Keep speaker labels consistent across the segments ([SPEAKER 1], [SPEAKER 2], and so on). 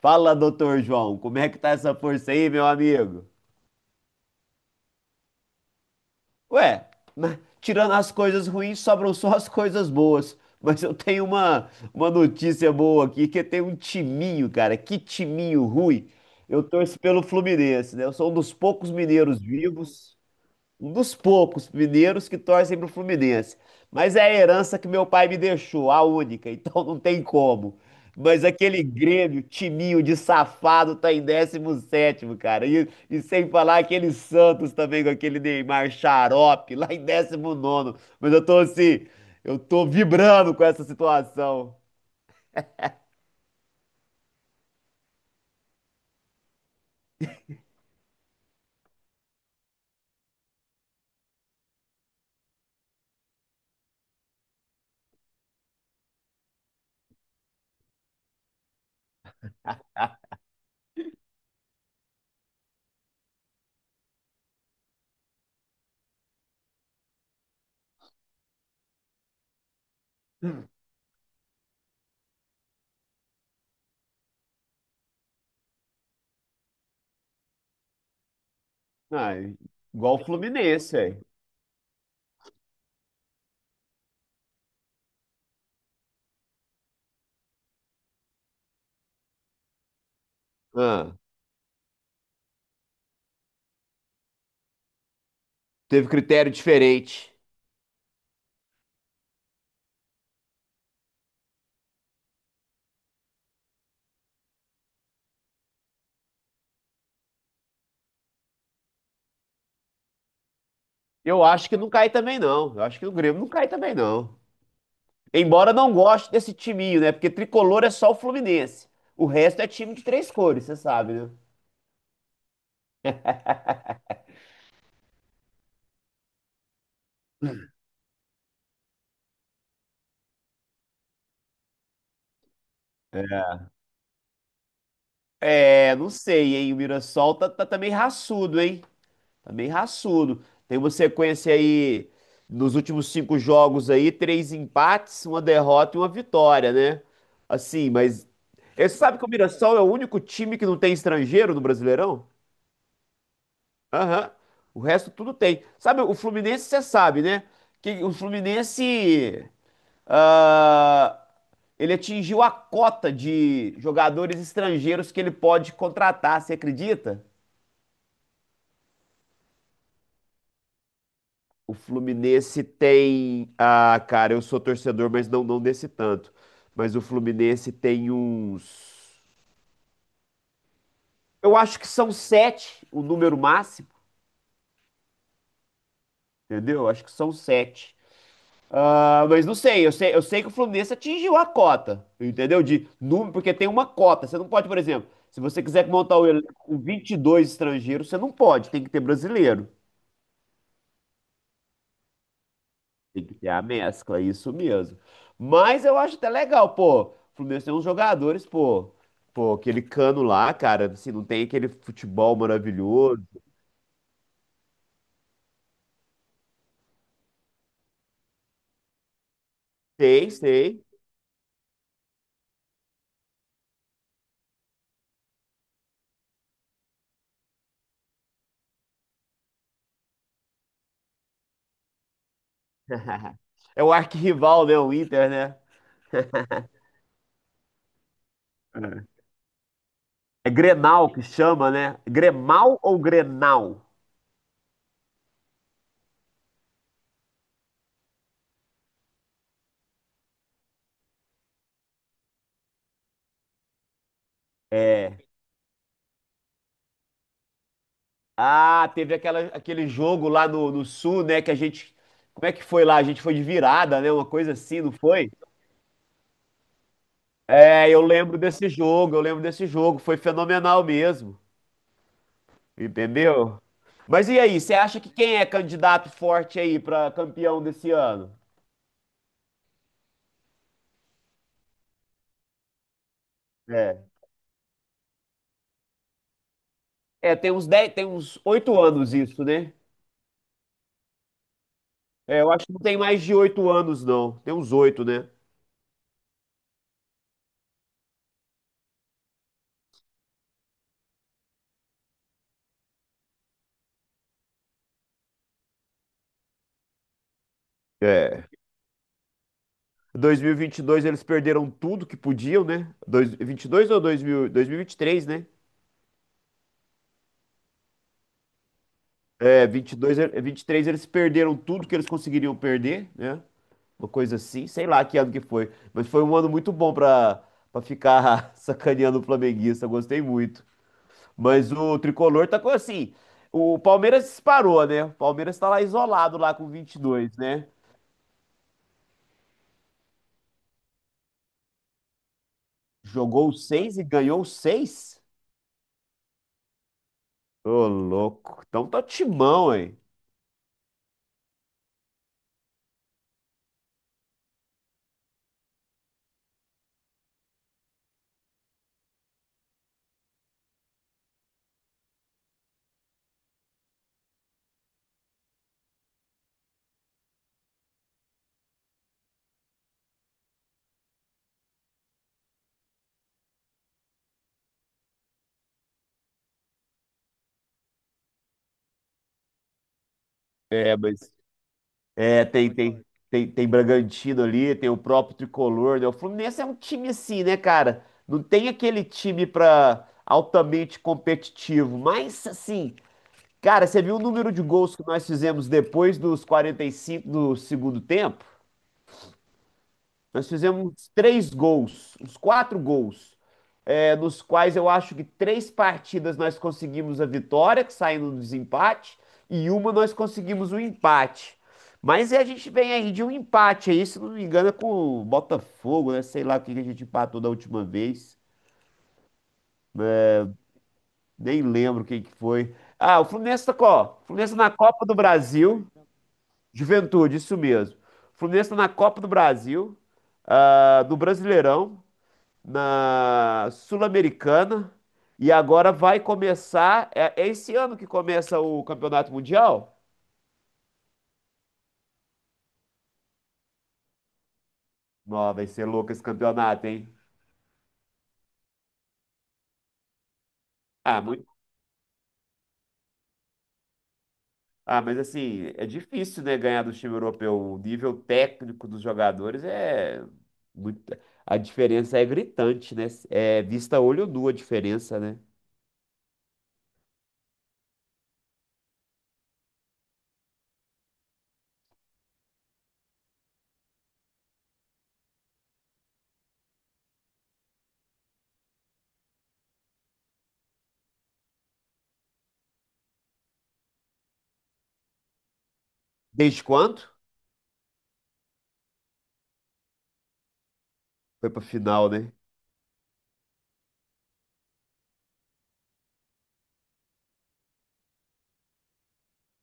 [SPEAKER 1] Fala, doutor João, como é que tá essa força aí, meu amigo? Ué, mas tirando as coisas ruins, sobram só as coisas boas. Mas eu tenho uma notícia boa aqui, que tem um timinho, cara. Que timinho ruim. Eu torço pelo Fluminense, né? Eu sou um dos poucos mineiros vivos. Um dos poucos mineiros que torcem pro Fluminense. Mas é a herança que meu pai me deixou, a única, então não tem como. Mas aquele Grêmio, timinho de safado, tá em décimo sétimo, cara. E sem falar aquele Santos também, com aquele Neymar xarope, lá em décimo nono. Mas eu tô assim, eu tô vibrando com essa situação. Ah, igual o Fluminense, velho. Ah, teve critério diferente. Eu acho que não cai também, não. Eu acho que o Grêmio não cai também, não. Embora não goste desse timinho, né? Porque tricolor é só o Fluminense. O resto é time de três cores, você sabe, né? É, não sei, hein? O Mirassol tá meio raçudo, hein? Tá meio raçudo. Tem uma sequência aí nos últimos cinco jogos aí, três empates, uma derrota e uma vitória, né? Assim, mas você sabe que o Mirassol é o único time que não tem estrangeiro no Brasileirão? Aham. O resto tudo tem. Sabe, o Fluminense, você sabe, né? Que o Fluminense ah, ele atingiu a cota de jogadores estrangeiros que ele pode contratar, você acredita? O Fluminense tem. Ah, cara, eu sou torcedor, mas não desse tanto. Mas o Fluminense tem uns. Eu acho que são sete o número máximo, entendeu? Eu acho que são sete. Ah, mas não sei, eu sei que o Fluminense atingiu a cota, entendeu? De número, porque tem uma cota. Você não pode, por exemplo, se você quiser montar o elenco com 22 estrangeiros, você não pode, tem que ter brasileiro. Tem que ter a mescla, isso mesmo. Mas eu acho até legal, pô. O Fluminense tem uns jogadores, pô. Pô, aquele Cano lá, cara, assim, não tem aquele futebol maravilhoso. Sei, sei. É o arquirrival, né? O Inter, né? É Grenal que chama, né? Gremal ou Grenal? É. Ah, teve aquela, aquele jogo lá no Sul, né? Que a gente. Como é que foi lá? A gente foi de virada, né? Uma coisa assim, não foi? É, eu lembro desse jogo. Foi fenomenal mesmo. Entendeu? Mas e aí, você acha que quem é candidato forte aí para campeão desse ano? É. É, tem uns 10, tem uns 8 anos isso, né? É, eu acho que não tem mais de 8 anos, não. Tem uns 8, né? É. 2022 eles perderam tudo que podiam, né? 22 ou 2000, 2023, né? É, 22, 23 eles perderam tudo que eles conseguiriam perder, né? Uma coisa assim, sei lá que ano que foi, mas foi um ano muito bom pra para ficar sacaneando o flamenguista, gostei muito. Mas o tricolor tá com assim, o Palmeiras disparou, né? O Palmeiras tá lá isolado lá com 22, né? Jogou seis e ganhou seis? Ô, louco. Então tá timão, hein? É, mas é, tem Bragantino ali, tem o próprio Tricolor, né? O Fluminense é um time assim, né, cara? Não tem aquele time pra altamente competitivo, mas assim, cara, você viu o número de gols que nós fizemos depois dos 45 do segundo tempo? Nós fizemos três gols, uns quatro gols é, nos quais eu acho que três partidas nós conseguimos a vitória, que saindo do desempate, e uma nós conseguimos o empate. Mas a gente vem aí de um empate aí, se não me engano, é com o Botafogo, né? Sei lá o que que a gente empatou da última vez. Nem lembro quem que foi. Ah, o Fluminense tá, ó, o Fluminense tá na Copa do Brasil. Juventude, isso mesmo. O Fluminense tá na Copa do Brasil, ah, do Brasileirão. Na Sul-Americana e agora vai começar. É, é esse ano que começa o Campeonato Mundial? Nó, vai ser louco esse campeonato, hein? Ah, muito, ah, mas assim, é difícil, né, ganhar do time europeu. O nível técnico dos jogadores é muito. A diferença é gritante, né? É vista a olho nu a diferença, né? Desde quando? Foi pra final, né?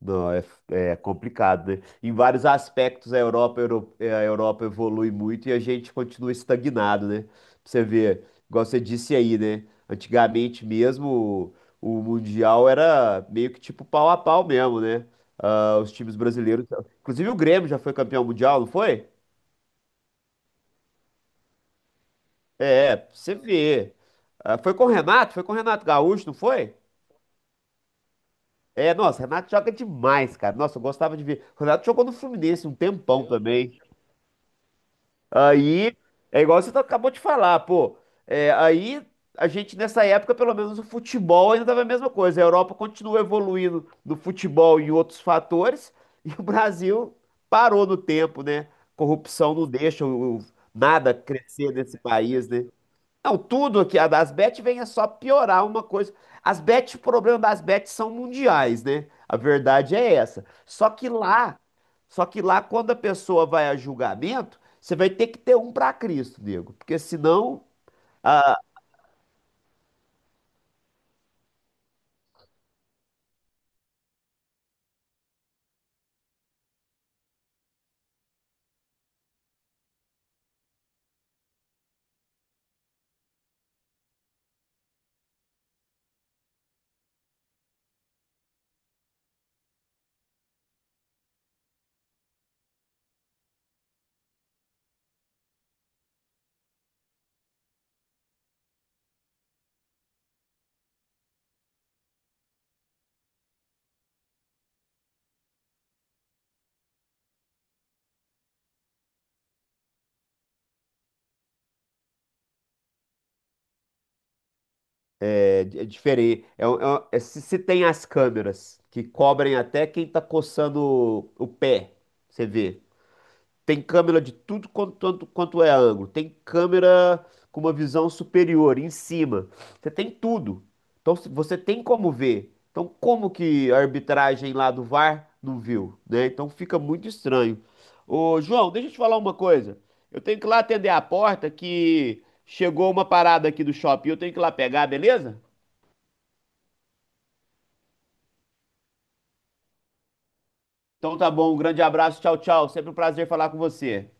[SPEAKER 1] Não, é, é complicado, né? Em vários aspectos, a Europa, a Europa evolui muito e a gente continua estagnado, né? Pra você ver, igual você disse aí, né? Antigamente mesmo, o Mundial era meio que tipo pau a pau mesmo, né? Ah, os times brasileiros. Inclusive o Grêmio já foi campeão mundial, não foi? É, pra você ver. Ah, foi com o Renato? Foi com o Renato Gaúcho, não foi? É, nossa, o Renato joga demais, cara. Nossa, eu gostava de ver. O Renato jogou no Fluminense um tempão também. Aí é igual você acabou de falar, pô. É, aí a gente, nessa época, pelo menos o futebol ainda estava a mesma coisa. A Europa continua evoluindo no futebol e em outros fatores, e o Brasil parou no tempo, né? Corrupção não deixa nada crescer nesse país, né? Não, tudo aqui, as bets vem é só piorar uma coisa. As bets, o problema das bets são mundiais, né? A verdade é essa. Só que lá quando a pessoa vai a julgamento, você vai ter que ter um para Cristo, nego, porque senão é, é diferente. É, se, se tem as câmeras que cobrem até quem tá coçando o pé, você vê. Tem câmera de tudo quanto, tanto quanto é ângulo. Tem câmera com uma visão superior, em cima. Você tem tudo. Então você tem como ver. Então como que a arbitragem lá do VAR não viu, né? Então fica muito estranho. Ô, João, deixa eu te falar uma coisa. Eu tenho que ir lá atender a porta que chegou uma parada aqui do shopping. Eu tenho que ir lá pegar, beleza? Então tá bom, um grande abraço, tchau, tchau. Sempre um prazer falar com você.